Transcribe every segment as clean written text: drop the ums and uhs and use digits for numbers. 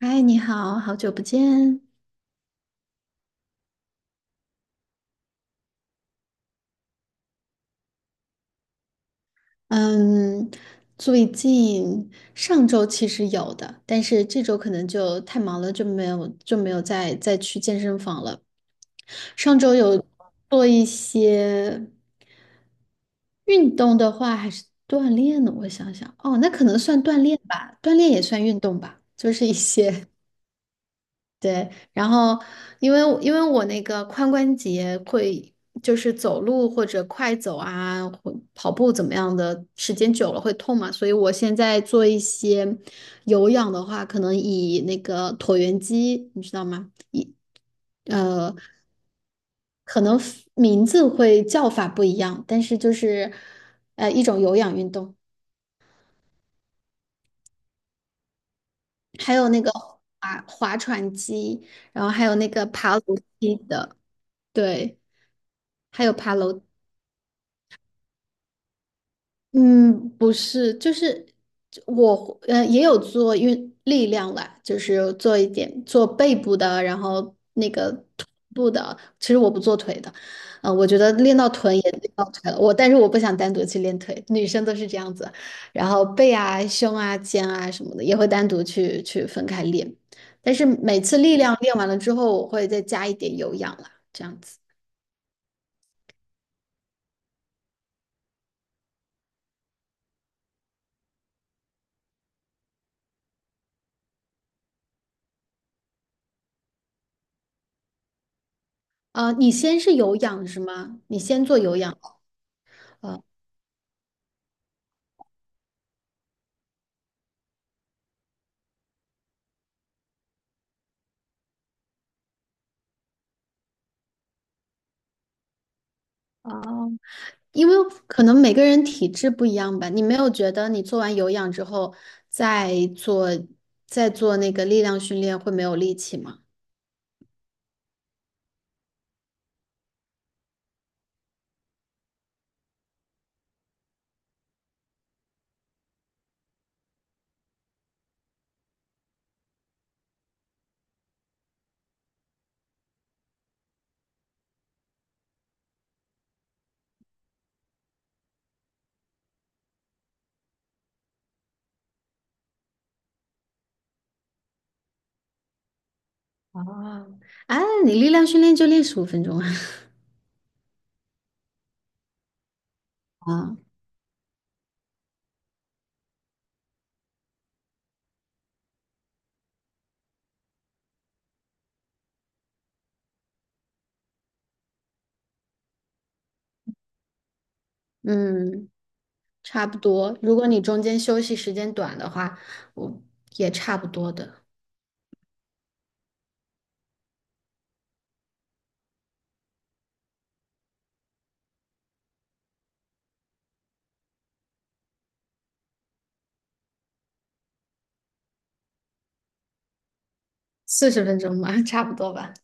嗨，你好，好久不见。嗯，最近上周其实有的，但是这周可能就太忙了，就没有再去健身房了。上周有做一些运动的话，还是锻炼呢？我想想，哦，那可能算锻炼吧，锻炼也算运动吧，就是一些 对，然后因为我那个髋关节会就是走路或者快走啊，或跑步怎么样的，时间久了会痛嘛，所以我现在做一些有氧的话，可能以那个椭圆机，你知道吗？以呃，可能 名字会叫法不一样，但是就是一种有氧运动，还有那个划船机，然后还有那个爬楼梯的，对，还有爬楼。嗯，不是，就是我也有做运力量啦，就是做一点做背部的，然后那个臀部的。其实我不做腿的，我觉得练到臀也练到腿了，但是我不想单独去练腿，女生都是这样子，然后背啊、胸啊、肩啊什么的也会单独去分开练，但是每次力量练完了之后，我会再加一点有氧啦，这样子。啊、你先是有氧是吗？你先做有氧。啊，哦，因为可能每个人体质不一样吧，你没有觉得你做完有氧之后再做再做那个力量训练会没有力气吗？啊，啊，你力量训练就练15分钟啊。啊，嗯，差不多。如果你中间休息时间短的话，我也差不多的，40分钟吧，差不多吧。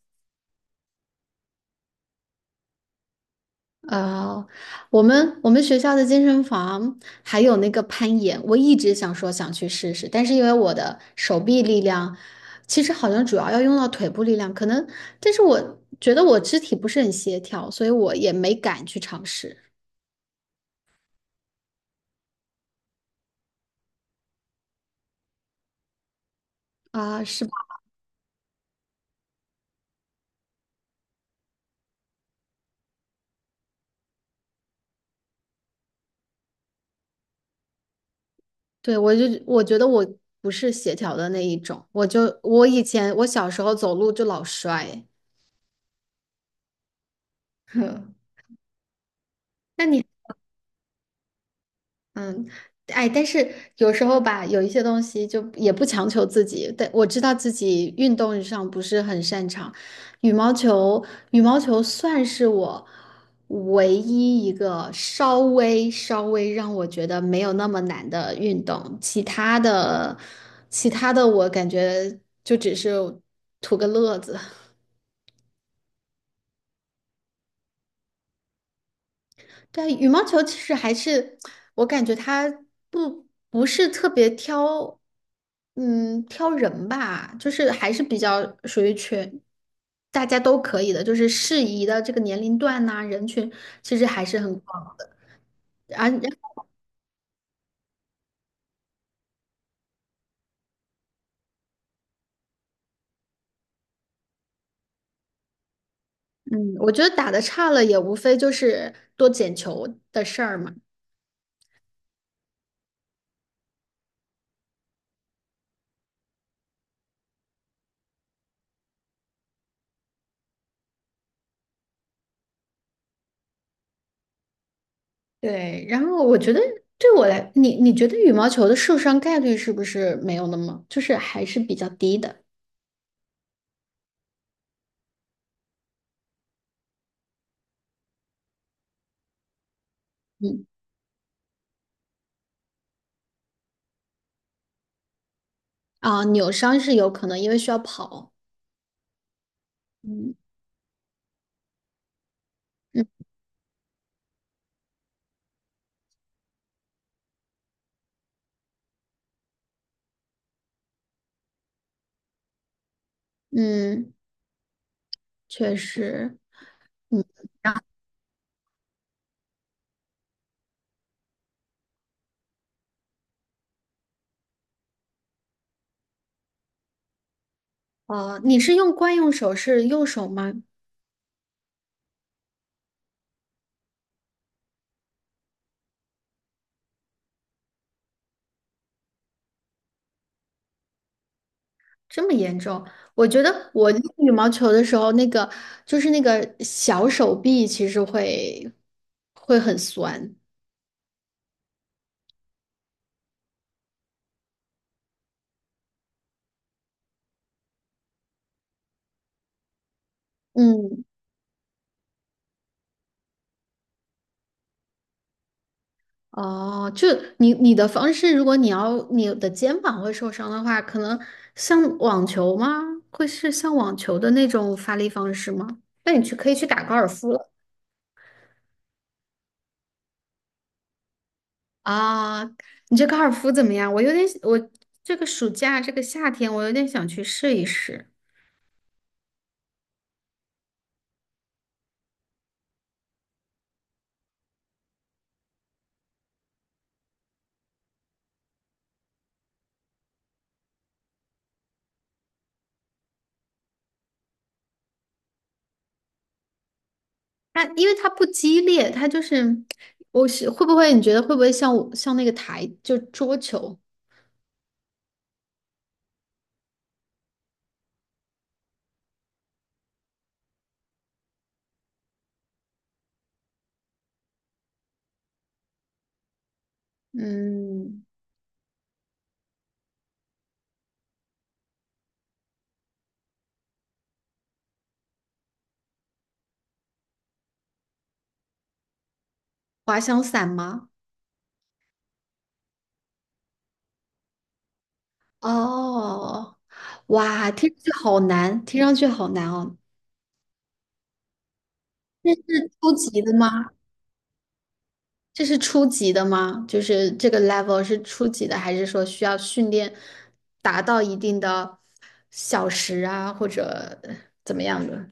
呃，我们学校的健身房还有那个攀岩，我一直想说想去试试，但是因为我的手臂力量，其实好像主要要用到腿部力量，可能，但是我觉得我肢体不是很协调，所以我也没敢去尝试啊，是吧？对，我就我觉得我不是协调的那一种，我就我以前我小时候走路就老摔，那你？嗯，哎，但是有时候吧，有一些东西就也不强求自己。但我知道自己运动上不是很擅长，羽毛球，羽毛球算是我唯一一个稍微稍微让我觉得没有那么难的运动。其他的，其他的我感觉就只是图个乐子。对啊，羽毛球其实还是我感觉它不是特别挑，嗯，挑人吧，就是还是比较属于全大家都可以的，就是适宜的这个年龄段呐、人群其实还是很广的。而嗯，我觉得打的差了也无非就是多捡球的事儿嘛。对，然后我觉得对我来，你觉得羽毛球的受伤概率是不是没有那么，就是还是比较低的？嗯。啊，扭伤是有可能，因为需要跑。嗯嗯嗯，确实。啊，你是用惯用手是右手吗？这么严重？我觉得我练羽毛球的时候，那个就是那个小手臂其实会很酸。嗯，哦，就你的方式，如果你要你的肩膀会受伤的话，可能像网球吗？会是像网球的那种发力方式吗？那你去可以去打高尔夫了。啊，你这高尔夫怎么样？我有点，我这个暑假这个夏天，我有点想去试一试。它因为它不激烈，它就是，我是会不会你觉得会不会像我像那个台就桌球，嗯，滑翔伞吗？哦，哇，听上去好难，听上去好难哦。初级的吗？这是初级的吗？就是这个 level 是初级的，还是说需要训练达到一定的小时啊，或者怎么样的？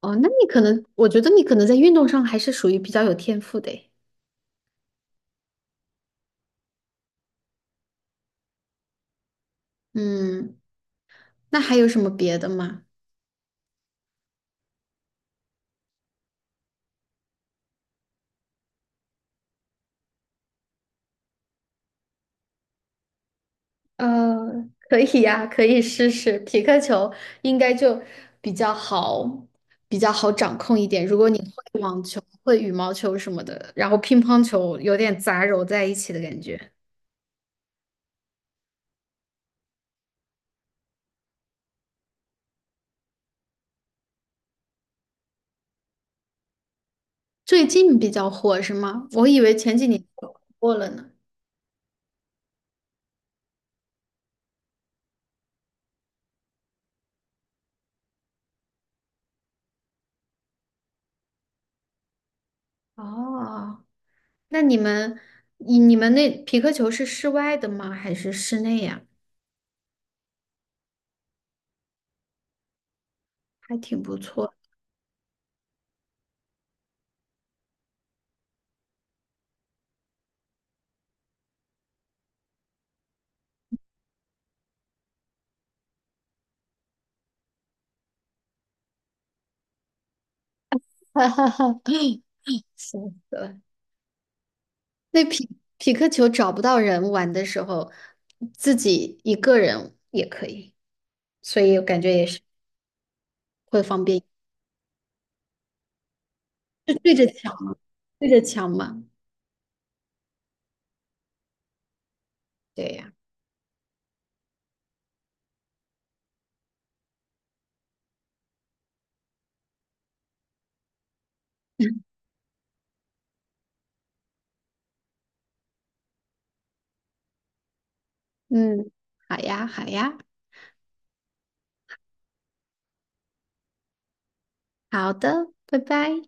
哦，那你可能，我觉得你可能在运动上还是属于比较有天赋的诶嗯，那还有什么别的吗？可以呀，可以试试匹克球，应该就比较好，比较好掌控一点。如果你会羽毛球什么的，然后乒乓球有点杂糅在一起的感觉。最近比较火是吗？我以为前几年火过了呢。哦，那你们，你们那皮克球是室外的吗？还是室内呀？还挺不错。哈哈哈，笑死了。那匹克球找不到人玩的时候，自己一个人也可以，所以我感觉也是会方便，就对着墙，对着墙嘛。对呀，嗯，好呀，好呀，好的，拜拜。